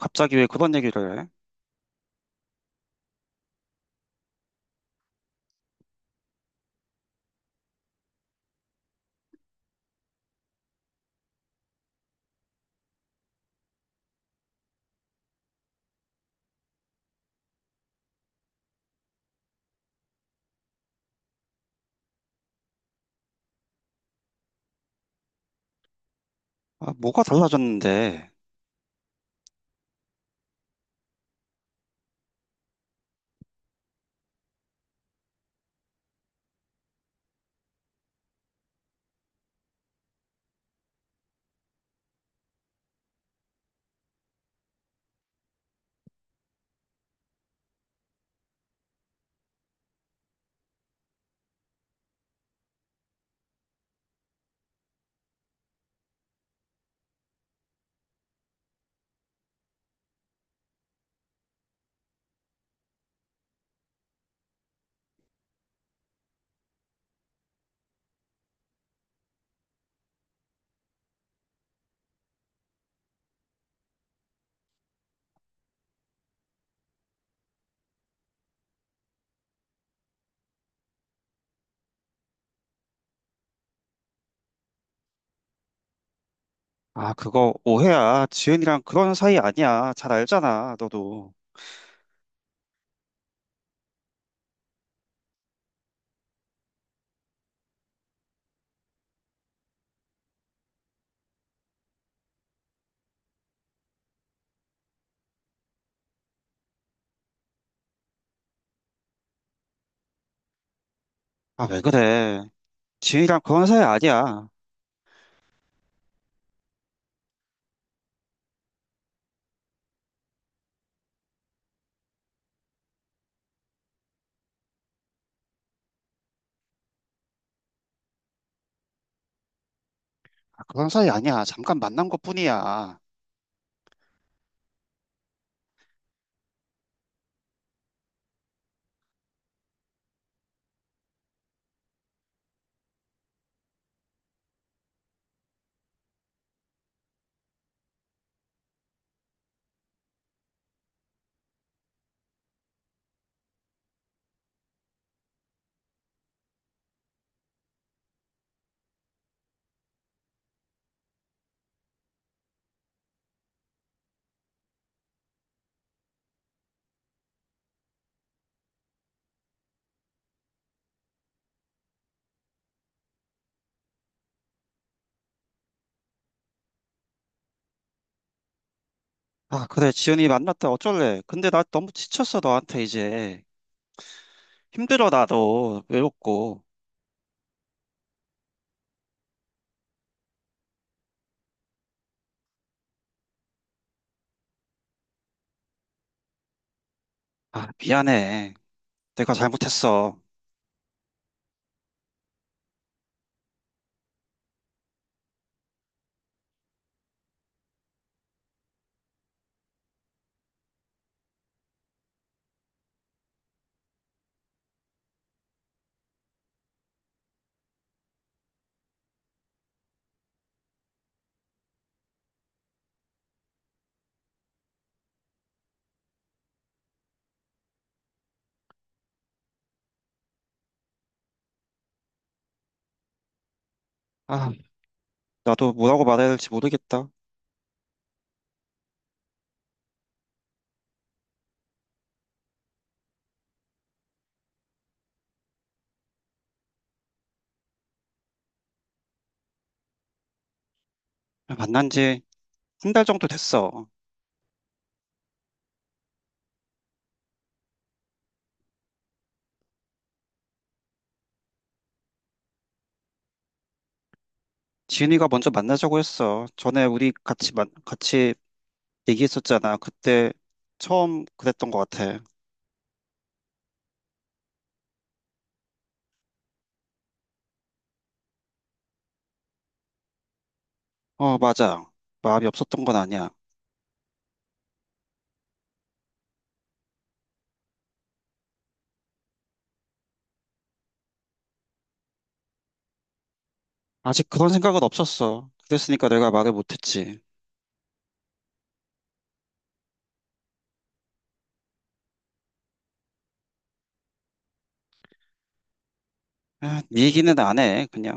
갑자기 왜 그런 얘기를 해? 뭐가 달라졌는데? 그거 오해야. 지은이랑 그런 사이 아니야. 잘 알잖아, 너도. 왜 그래? 지은이랑 그런 사이 아니야. 그런 사이 아니야. 잠깐 만난 것뿐이야. 그래. 지은이 만났다. 어쩔래? 근데 나 너무 지쳤어, 너한테 이제. 힘들어, 나도. 외롭고. 미안해. 내가 잘못했어. 아, 나도 뭐라고 말해야 될지 모르겠다. 만난 지 한 달 정도 됐어. 지은이가 먼저 만나자고 했어. 전에 우리 같이 얘기했었잖아. 그때 처음 그랬던 것 같아. 어, 맞아. 마음이 없었던 건 아니야. 아직 그런 생각은 없었어. 그랬으니까 내가 말을 못했지. 네 얘기는 안 해.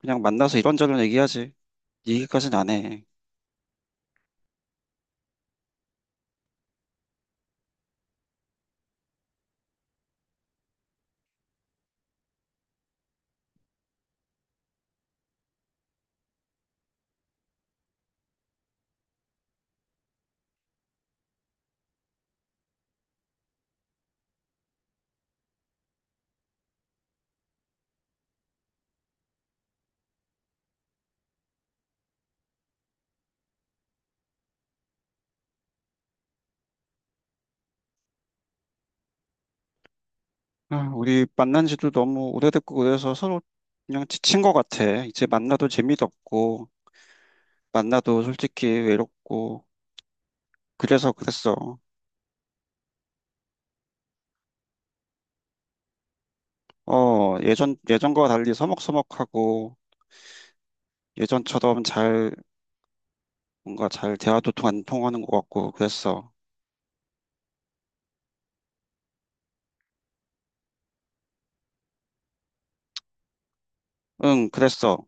그냥 만나서 이런저런 얘기하지. 네 얘기까지는 안 해. 우리 만난 지도 너무 오래됐고 그래서 서로 그냥 지친 것 같아. 이제 만나도 재미도 없고 만나도 솔직히 외롭고 그래서 그랬어. 예전과 달리 서먹서먹하고 예전처럼 잘, 뭔가 잘 대화도통 안 통하는 것 같고 그랬어. 응, 그랬어.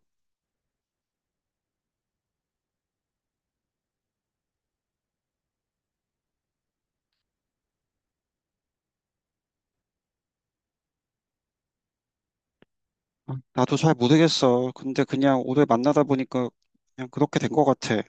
나도 잘 모르겠어. 근데 그냥 오래 만나다 보니까 그냥 그렇게 된 것 같아.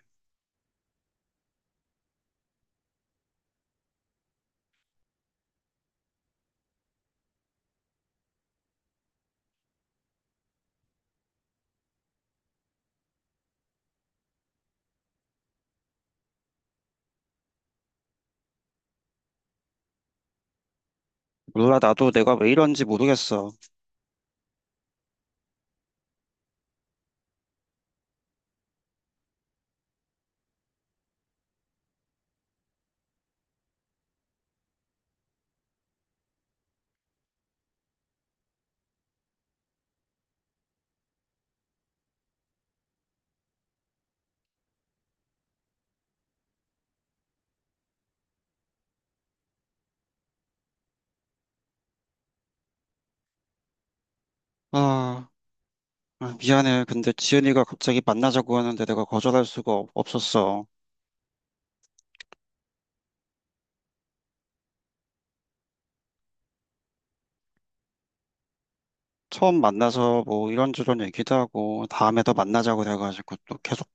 몰라, 나도 내가 왜 이런지 모르겠어. 아, 미안해. 근데 지은이가 갑자기 만나자고 하는데 내가 없었어. 처음 만나서 뭐 이런저런 얘기도 하고 다음에 더 만나자고 돼가지고 또 계속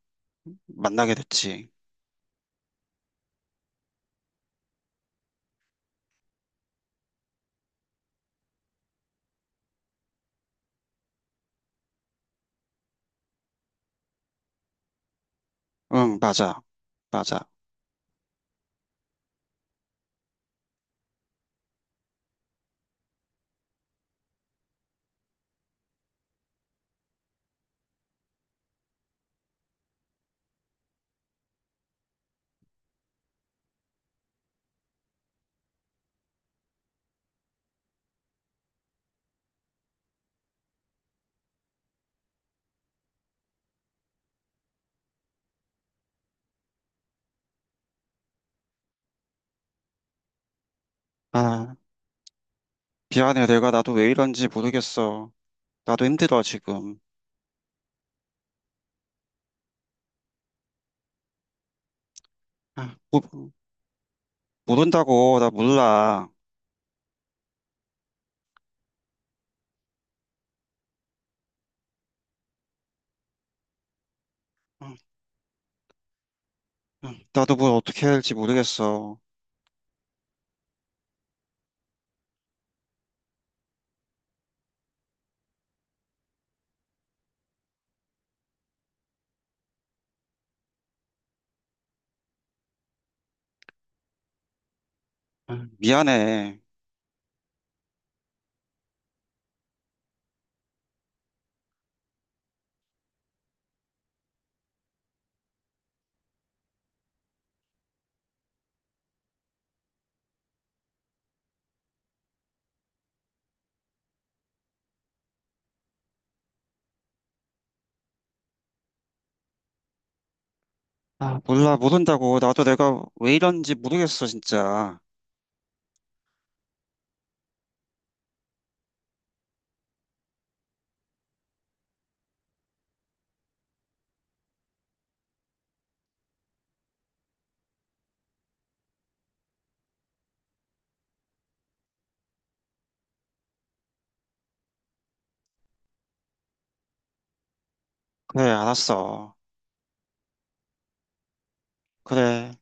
만나게 됐지. 응, 맞아. 맞아. 아. 미안해, 내가 나도 왜 이런지 모르겠어. 나도 힘들어, 지금. 아, 모, 모른다고, 나 몰라. 아, 나도 뭘 어떻게 해야 할지 모르겠어. 미안해. 몰라, 모른다고. 나도 내가 왜 이런지 모르겠어, 진짜. 그래, 알았어. 그래.